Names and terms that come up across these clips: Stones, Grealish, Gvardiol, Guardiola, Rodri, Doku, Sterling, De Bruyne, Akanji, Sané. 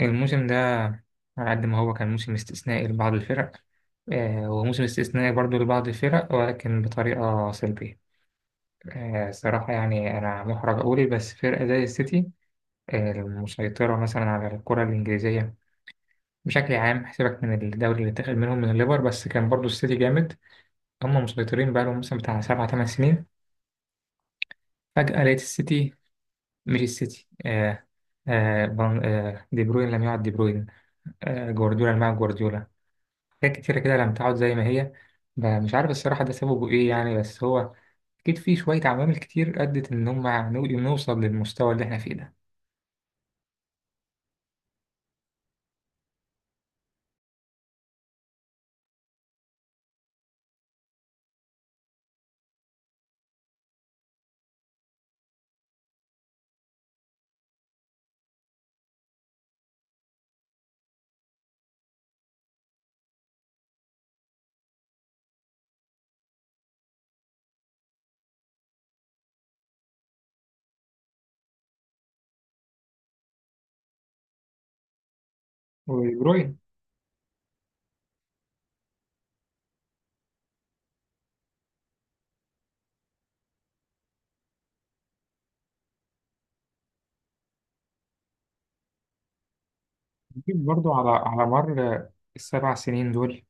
الموسم ده على قد ما هو كان موسم استثنائي لبعض الفرق. آه، وموسم استثنائي برضو لبعض الفرق ولكن بطريقة سلبية. آه، صراحة يعني أنا محرج أقول، بس فرقة زي السيتي، آه، المسيطرة مثلا على الكرة الإنجليزية بشكل عام، حسابك من الدوري اللي اتاخد منهم من الليفر، بس كان برضو السيتي جامد. هم مسيطرين بقالهم مثلا بتاع سبع تمن سنين، فجأة لقيت السيتي، مش السيتي، آه، دي بروين لم يعد دي بروين، آه، جوارديولا لم يعد جوارديولا. حاجات كتيرة كده لما تقعد زي ما هي. مش عارف الصراحة ده سببه إيه يعني، بس هو أكيد في شوية عوامل كتير أدت إن هما نوصل للمستوى اللي إحنا فيه ده. وبروين أكيد برضو على مر السبع سنين دول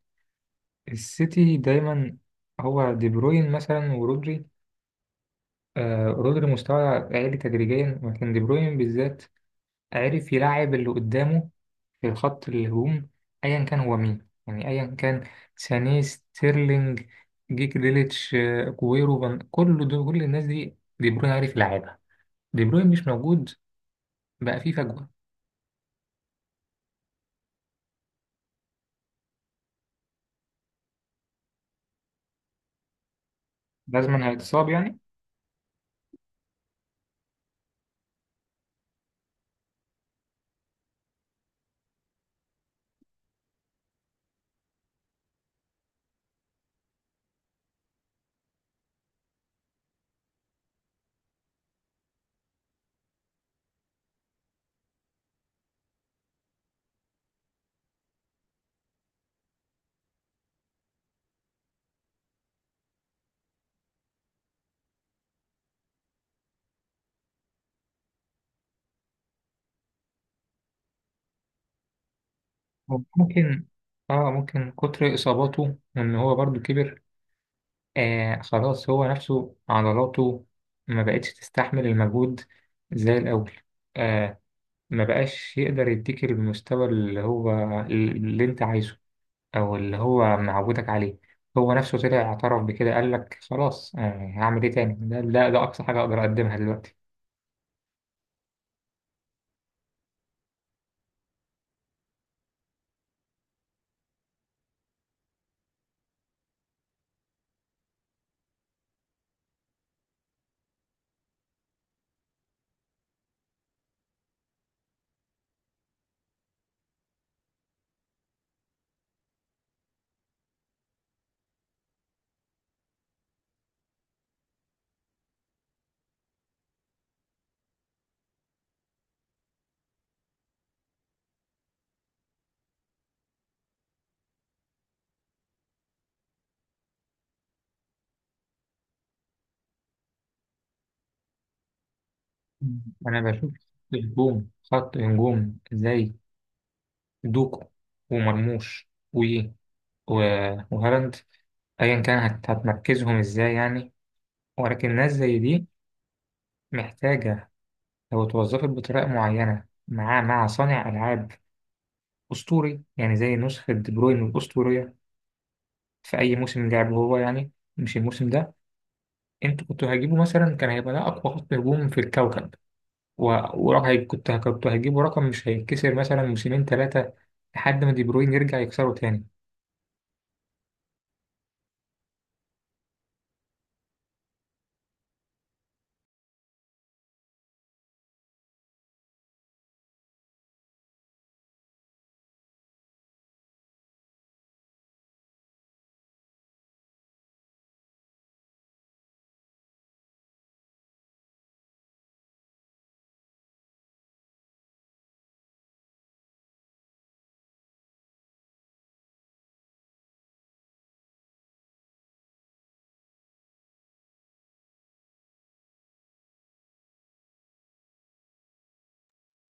السيتي دايما. هو دي بروين مثلا ورودري، آه رودري مستوى عالي تدريجيا، لكن دي بروين بالذات عرف يلعب اللي قدامه في خط الهجوم، أيا كان هو مين، يعني أيا كان سانيه، ستيرلينج، جيك ديليتش، آه، كويرو، فان، كل دول، كل الناس دي دي بروين عارف يلعبها. دي بروين مش موجود، بقى فيه فجوة. لازما هيتصاب يعني. هو ممكن، اه ممكن كتر إصاباته وإن هو برضو كبر. آه خلاص هو نفسه عضلاته ما بقتش تستحمل المجهود زي الأول. آه، ما بقاش يقدر يديك المستوى اللي هو، اللي انت عايزه، او اللي هو معودك عليه. هو نفسه طلع اعترف بكده، قال لك خلاص يعني هعمل ايه تاني، ده ده اقصى حاجه اقدر اقدمها دلوقتي. انا بشوف نجوم، خط نجوم زي دوكو ومرموش وهالاند، ايا كان هتمركزهم ازاي يعني. ولكن ناس زي دي محتاجه، لو اتوظفت بطريقه معينه مع صانع العاب اسطوري، يعني زي نسخه دي بروين الاسطوريه في اي موسم لعبه هو، يعني مش الموسم ده. انتوا كنتوا هتجيبوا مثلا، كان هيبقى ده اقوى خط هجوم في الكوكب. و... ورقم كنت كنتوا هتجيبوا رقم مش هيتكسر مثلا موسمين ثلاثه، لحد ما دي بروين يرجع يكسره تاني.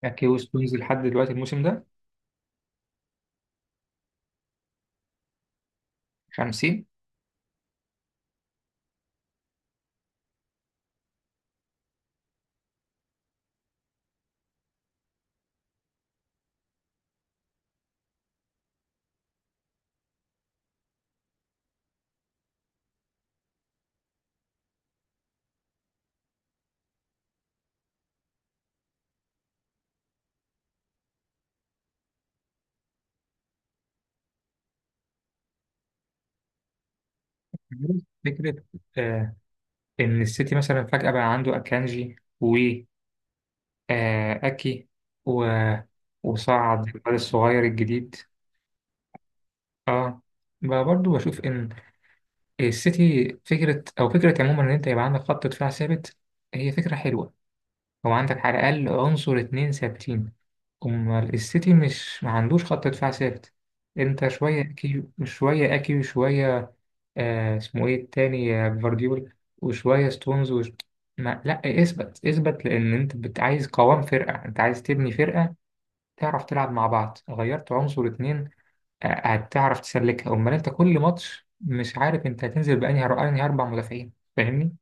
اكيو ستونز لحد دلوقتي الموسم ده 50. فكره آه ان السيتي مثلا فجاه بقى عنده اكانجي و، آه اكي، و... وصعد الواد الصغير الجديد. اه، بقى برضو بشوف ان السيتي فكره، او فكره عموما، ان انت يبقى عندك خط دفاع ثابت، هي فكره حلوه. هو عندك على الأقل عنصر اتنين ثابتين. أمال السيتي مش ما عندوش خط دفاع ثابت؟ أنت شوية أكي، شوية أكي، وشوية آه اسمه إيه التاني، آه، جفارديول، وشوية ستونز ما لأ، اثبت اثبت، لأن أنت عايز قوام فرقة، أنت عايز تبني فرقة، تعرف تلعب مع بعض. غيرت عنصر اتنين، آه، هتعرف تسلكها. أمال أنت كل ماتش مش عارف أنت هتنزل أنهي أربع مدافعين، فاهمني؟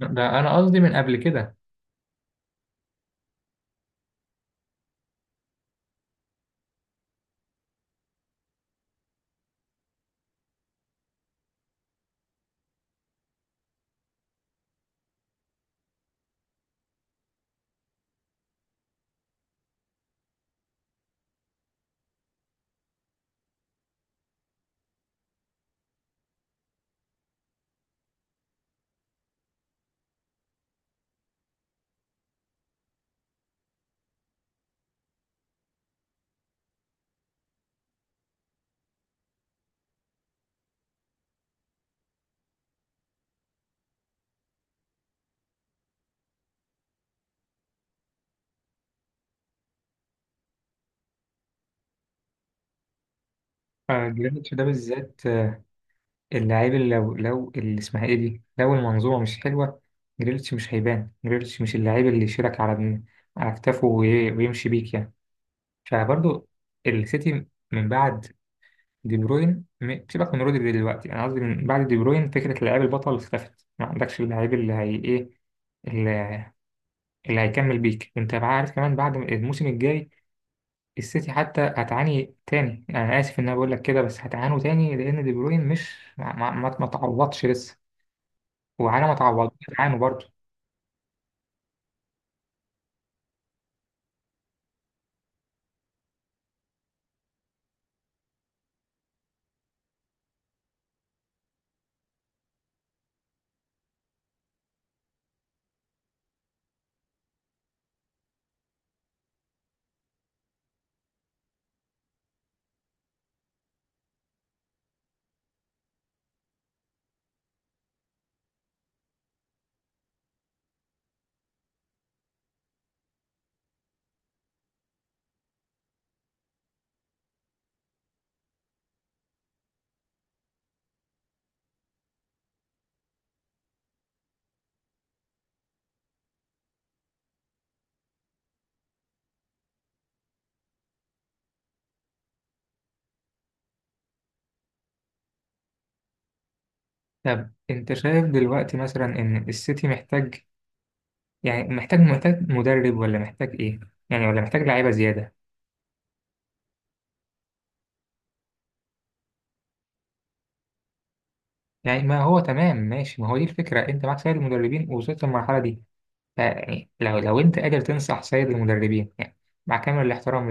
ده أنا قصدي من قبل كده. آه، جريليتش ده بالذات، اللعيب اللي لو اللي اسمها ايه دي، لو المنظومه مش حلوه جريليتش مش هيبان. جريليتش مش اللعيب اللي يشيلك على على كتافه ويمشي بيك يعني. فبرضه السيتي من بعد دي بروين، سيبك من رودري دلوقتي، انا قصدي من بعد دي بروين فكره اللاعب البطل اختفت. ما عندكش اللعيب اللي هي ايه، اللي، اللي هيكمل بيك انت، بقى عارف كمان بعد الموسم الجاي السيتي حتى هتعاني تاني. انا اسف ان انا بقول لك كده، بس هتعانوا تاني لان دي بروين مش ما تعوضش لسه. وحاجة ما تعوضش عنه برضه. طب أنت شايف دلوقتي مثلا إن السيتي محتاج، يعني محتاج، مدرب، ولا محتاج إيه؟ يعني ولا محتاج لعيبة زيادة؟ يعني ما هو تمام، ماشي، ما هو دي الفكرة، أنت معاك سيد المدربين ووصلت للمرحلة دي. فيعني لو أنت قادر تنصح سيد المدربين، يعني مع كامل الاحترام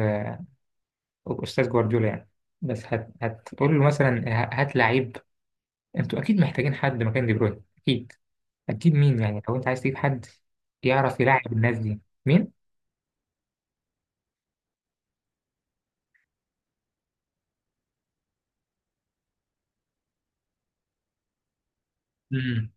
لأستاذ جوارديولا يعني، بس هتقول له مثلا هات لعيب. أنتوا أكيد محتاجين حد مكان دي بروين أكيد. هتجيب مين يعني لو أنت عايز تجيب حد يعرف يلعب الناس دي، مين؟ مم.